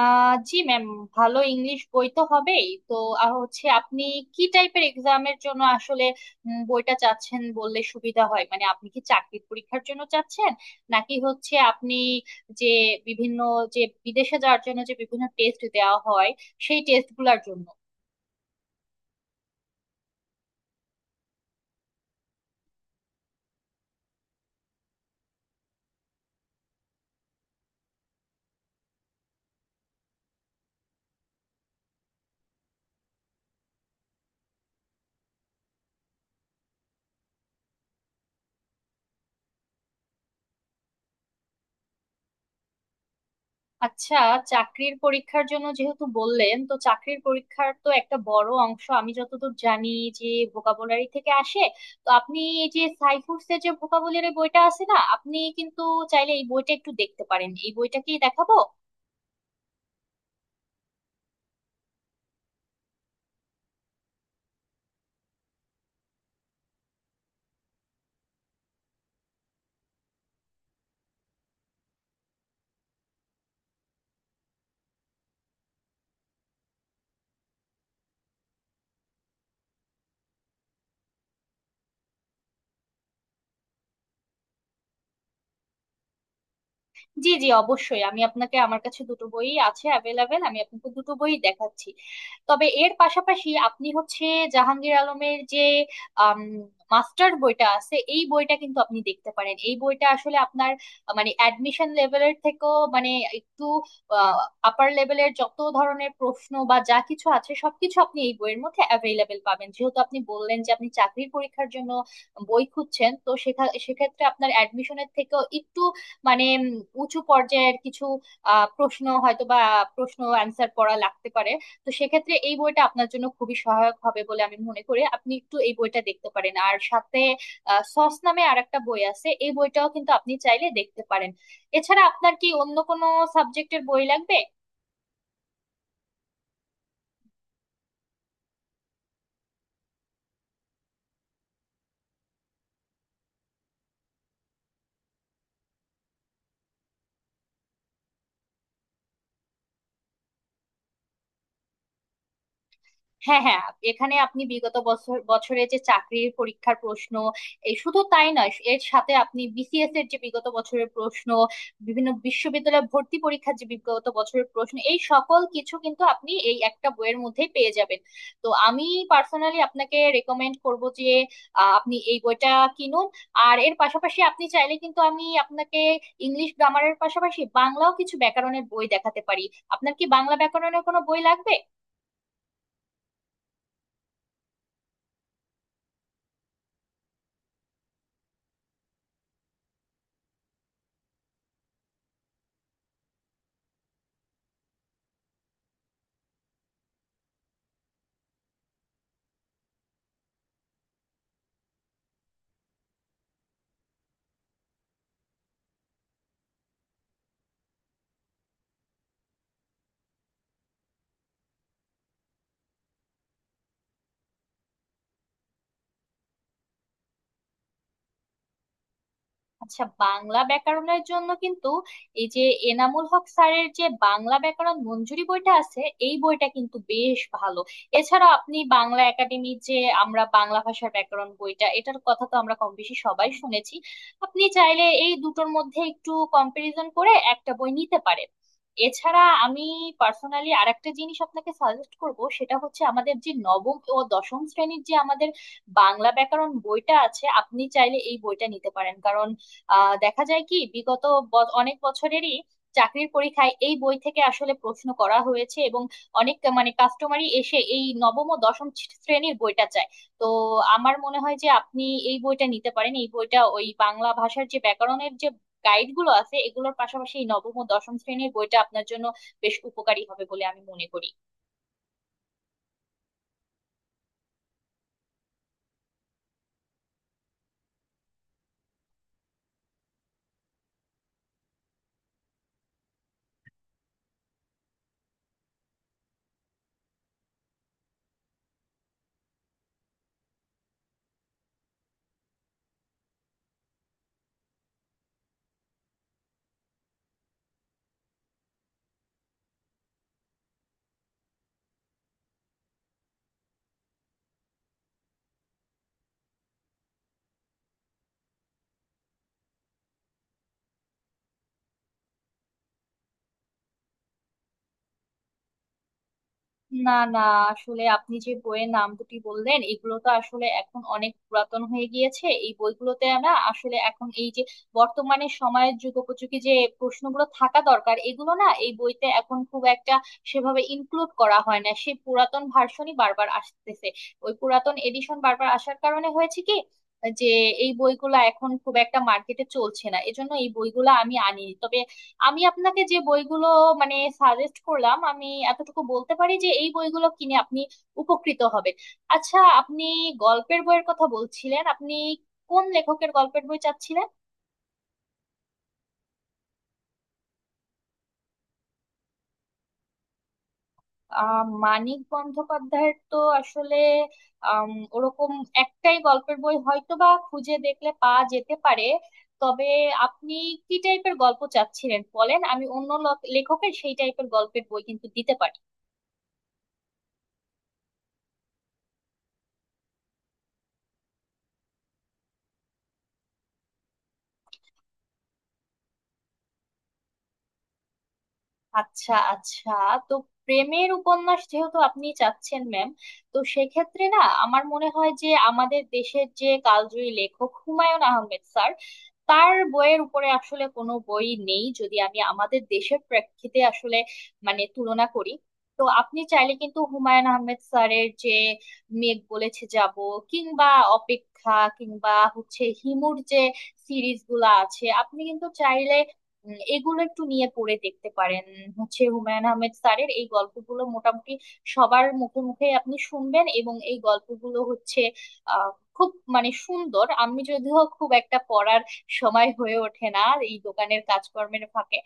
জি ma'am. ভালো English বই তো হবেই তো। হচ্ছে আপনি কি টাইপের এক্সামের জন্য আসলে বইটা চাচ্ছেন বললে সুবিধা হয়, মানে আপনি কি চাকরির পরীক্ষার জন্য চাচ্ছেন নাকি হচ্ছে আপনি যে বিভিন্ন যে বিদেশে যাওয়ার জন্য যে বিভিন্ন টেস্ট দেওয়া হয়, সেই টেস্ট গুলার জন্য? আচ্ছা, চাকরির পরীক্ষার জন্য যেহেতু বললেন, তো চাকরির পরীক্ষার তো একটা বড় অংশ, আমি যতদূর জানি, যে ভোকাবুলারি থেকে আসে। তো আপনি এই যে সাইফুডসের যে ভোকাবুলারি বইটা আছে না, আপনি কিন্তু চাইলে এই বইটা একটু দেখতে পারেন। এই বইটা কি দেখাবো? জি জি, অবশ্যই আমি আপনাকে, আমার কাছে দুটো বই আছে অ্যাভেলেবেল, আমি আপনাকে দুটো বই দেখাচ্ছি। তবে এর পাশাপাশি আপনি হচ্ছে জাহাঙ্গীর আলমের যে মাস্টার বইটা আছে, এই বইটা কিন্তু আপনি দেখতে পারেন। এই বইটা আসলে আপনার মানে অ্যাডমিশন লেভেলের থেকেও মানে একটু আপার লেভেলের যত ধরনের প্রশ্ন বা যা কিছু আছে সবকিছু আপনি এই বইয়ের মধ্যে অ্যাভেলেবেল পাবেন। যেহেতু আপনি বললেন যে আপনি চাকরির পরীক্ষার জন্য বই খুঁজছেন, তো সেক্ষেত্রে আপনার অ্যাডমিশনের থেকেও একটু মানে উঁচু পর্যায়ের কিছু প্রশ্ন হয়তো বা প্রশ্ন অ্যান্সার করা লাগতে পারে। তো সেক্ষেত্রে এই বইটা আপনার জন্য খুবই সহায়ক হবে বলে আমি মনে করি, আপনি একটু এই বইটা দেখতে পারেন। আর সাথে সস নামে আরেকটা বই আছে, এই বইটাও কিন্তু আপনি চাইলে দেখতে পারেন। এছাড়া আপনার কি অন্য কোনো সাবজেক্টের বই লাগবে? হ্যাঁ হ্যাঁ, এখানে আপনি বিগত বছরে যে চাকরির পরীক্ষার প্রশ্ন, এই শুধু তাই নয়, এর সাথে আপনি বিসিএস এর যে বিগত বছরের প্রশ্ন, বিভিন্ন বিশ্ববিদ্যালয় ভর্তি পরীক্ষার যে বিগত বছরের প্রশ্ন, এই সকল কিছু কিন্তু আপনি এই একটা বইয়ের মধ্যেই পেয়ে যাবেন। তো আমি পার্সোনালি আপনাকে রেকমেন্ড করব যে আপনি এই বইটা কিনুন। আর এর পাশাপাশি আপনি চাইলে কিন্তু আমি আপনাকে ইংলিশ গ্রামারের পাশাপাশি বাংলাও কিছু ব্যাকরণের বই দেখাতে পারি। আপনার কি বাংলা ব্যাকরণের কোনো বই লাগবে? আচ্ছা, বাংলা ব্যাকরণের জন্য কিন্তু এই যে এনামুল হক স্যারের যে বাংলা ব্যাকরণ মঞ্জুরি বইটা আছে, এই বইটা কিন্তু বেশ ভালো। এছাড়াও আপনি বাংলা একাডেমির যে আমরা বাংলা ভাষার ব্যাকরণ বইটা, এটার কথা তো আমরা কম বেশি সবাই শুনেছি। আপনি চাইলে এই দুটোর মধ্যে একটু কম্পারিজন করে একটা বই নিতে পারেন। এছাড়া আমি পার্সোনালি আরেকটা জিনিস আপনাকে সাজেস্ট করব, সেটা হচ্ছে আমাদের যে নবম ও দশম শ্রেণীর যে আমাদের বাংলা ব্যাকরণ বইটা আছে, আপনি চাইলে এই বইটা নিতে পারেন। আহ, দেখা যায় কি বিগত অনেক বছরেরই চাকরির পরীক্ষায় এই বই থেকে আসলে প্রশ্ন করা হয়েছে, এবং অনেক মানে কাস্টমারই এসে এই নবম ও দশম শ্রেণীর বইটা চায়। তো আমার মনে হয় যে আপনি এই বইটা নিতে পারেন, এই বইটা ওই বাংলা ভাষার যে ব্যাকরণের যে গাইড গুলো আছে এগুলোর পাশাপাশি এই নবম ও দশম শ্রেণীর বইটা আপনার জন্য বেশ উপকারী হবে বলে আমি মনে করি। না না, আসলে আপনি যে বইয়ের নাম দুটি বললেন এগুলো তো আসলে এখন অনেক পুরাতন হয়ে গিয়েছে। এই বইগুলোতে আমরা আসলে এখন এই যে বর্তমানে সময়ের যুগোপযোগী যে প্রশ্নগুলো থাকা দরকার এগুলো না এই বইতে এখন খুব একটা সেভাবে ইনক্লুড করা হয় না, সেই পুরাতন ভার্সনই বারবার আসতেছে। ওই পুরাতন এডিশন বারবার আসার কারণে হয়েছে কি যে এই বইগুলা এখন খুব একটা মার্কেটে চলছে না, এজন্য এই বইগুলা আমি আনি। তবে আমি আপনাকে যে বইগুলো মানে সাজেস্ট করলাম, আমি এতটুকু বলতে পারি যে এই বইগুলো কিনে আপনি উপকৃত হবেন। আচ্ছা, আপনি গল্পের বইয়ের কথা বলছিলেন, আপনি কোন লেখকের গল্পের বই চাচ্ছিলেন? আহ, মানিক বন্দ্যোপাধ্যায়ের তো আসলে ওরকম একটাই গল্পের বই হয়তো বা খুঁজে দেখলে পাওয়া যেতে পারে। তবে আপনি কি টাইপের গল্প চাচ্ছিলেন বলেন, আমি অন্য লেখকের সেই টাইপের গল্পের বই কিন্তু দিতে পারি। আচ্ছা আচ্ছা, তো প্রেমের উপন্যাস যেহেতু আপনি চাচ্ছেন ম্যাম, তো সেক্ষেত্রে না আমার মনে হয় যে আমাদের দেশের যে কালজয়ী লেখক হুমায়ুন আহমেদ স্যার, তার বইয়ের উপরে আসলে কোনো বই নেই, যদি আমি আমাদের দেশের প্রেক্ষিতে আসলে মানে তুলনা করি। তো আপনি চাইলে কিন্তু হুমায়ুন আহমেদ স্যারের যে মেঘ বলেছে যাব, কিংবা অপেক্ষা, কিংবা হচ্ছে হিমুর যে সিরিজগুলো আছে, আপনি কিন্তু চাইলে এগুলো একটু নিয়ে পড়ে দেখতে পারেন। হচ্ছে হুমায়ুন আহমেদ স্যারের এই গল্পগুলো মোটামুটি সবার মুখে মুখে আপনি শুনবেন, এবং এই গল্পগুলো হচ্ছে আহ খুব মানে সুন্দর। আমি যদিও খুব একটা পড়ার সময় হয়ে ওঠে না এই দোকানের কাজকর্মের ফাঁকে,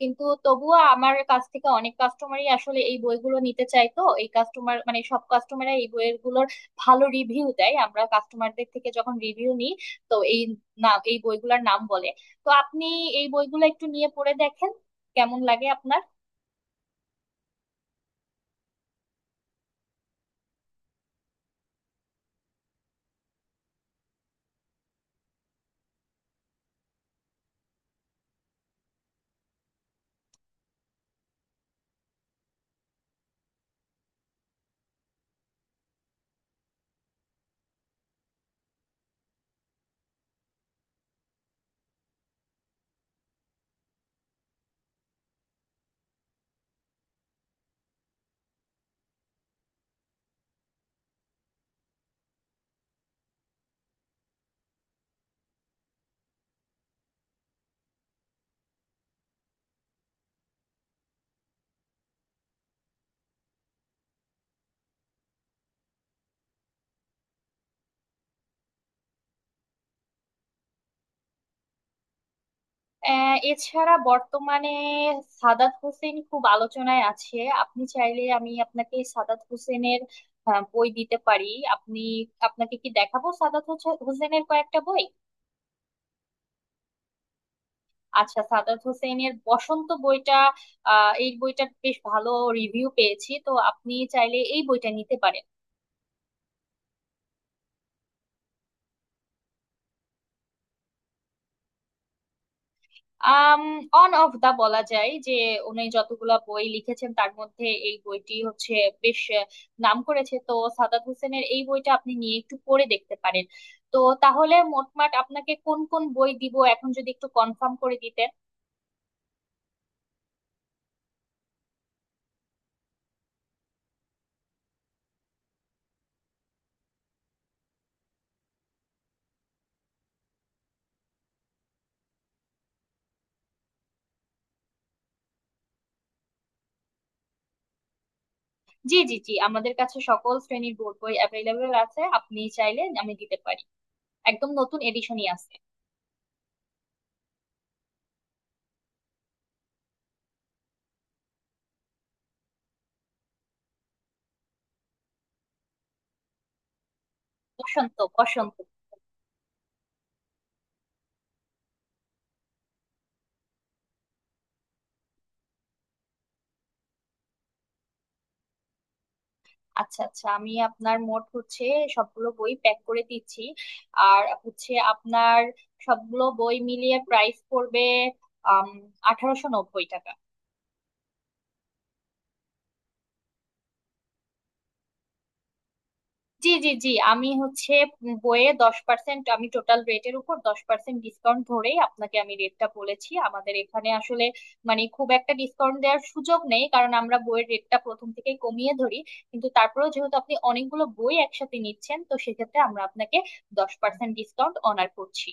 কিন্তু তবুও আমার কাছ থেকে অনেক কাস্টমারই আসলে এই বইগুলো নিতে চায়। তো এই কাস্টমার মানে সব কাস্টমাররা এই বইগুলোর ভালো রিভিউ দেয়, আমরা কাস্টমারদের থেকে যখন রিভিউ নিই, তো এই নাম এই বইগুলোর নাম বলে। তো আপনি এই বইগুলো একটু নিয়ে পড়ে দেখেন, কেমন লাগে আপনার। এছাড়া বর্তমানে সাদাত হোসেন খুব আলোচনায় আছে। আপনি চাইলে আমি আপনাকে সাদাত হোসেনের বই দিতে পারি। আপনি, আপনাকে কি দেখাবো সাদাত হোসেনের কয়েকটা বই? আচ্ছা, সাদাত হোসেনের বসন্ত বইটা, আহ, এই বইটার বেশ ভালো রিভিউ পেয়েছি। তো আপনি চাইলে এই বইটা নিতে পারেন। আম অন অফ দা বলা যায় যে উনি যতগুলা বই লিখেছেন তার মধ্যে এই বইটি হচ্ছে বেশ নাম করেছে। তো সাদাত হোসেনের এই বইটা আপনি নিয়ে একটু পড়ে দেখতে পারেন। তো তাহলে মোটমাট আপনাকে কোন কোন বই দিব এখন, যদি একটু কনফার্ম করে দিতেন? জি জি জি, আমাদের কাছে সকল শ্রেণীর বোর্ড বই অ্যাভেলেবল আছে, আপনি চাইলে আমি দিতে পারি। একদম নতুন এডিশনই আছে। বসন্ত, বসন্ত। আচ্ছা আচ্ছা, আমি আপনার মোট হচ্ছে সবগুলো বই প্যাক করে দিচ্ছি। আর হচ্ছে আপনার সবগুলো বই মিলিয়ে প্রাইস পড়বে আম 1890 টাকা। জি জি জি, আমি হচ্ছে বইয়ে 10%, আমি টোটাল রেটের উপর 10% ডিসকাউন্ট ধরেই আপনাকে আমি রেটটা বলেছি। আমাদের এখানে আসলে মানে খুব একটা ডিসকাউন্ট দেওয়ার সুযোগ নেই, কারণ আমরা বইয়ের রেটটা প্রথম থেকেই কমিয়ে ধরি। কিন্তু তারপরেও যেহেতু আপনি অনেকগুলো বই একসাথে নিচ্ছেন, তো সেক্ষেত্রে আমরা আপনাকে 10% ডিসকাউন্ট অনার করছি।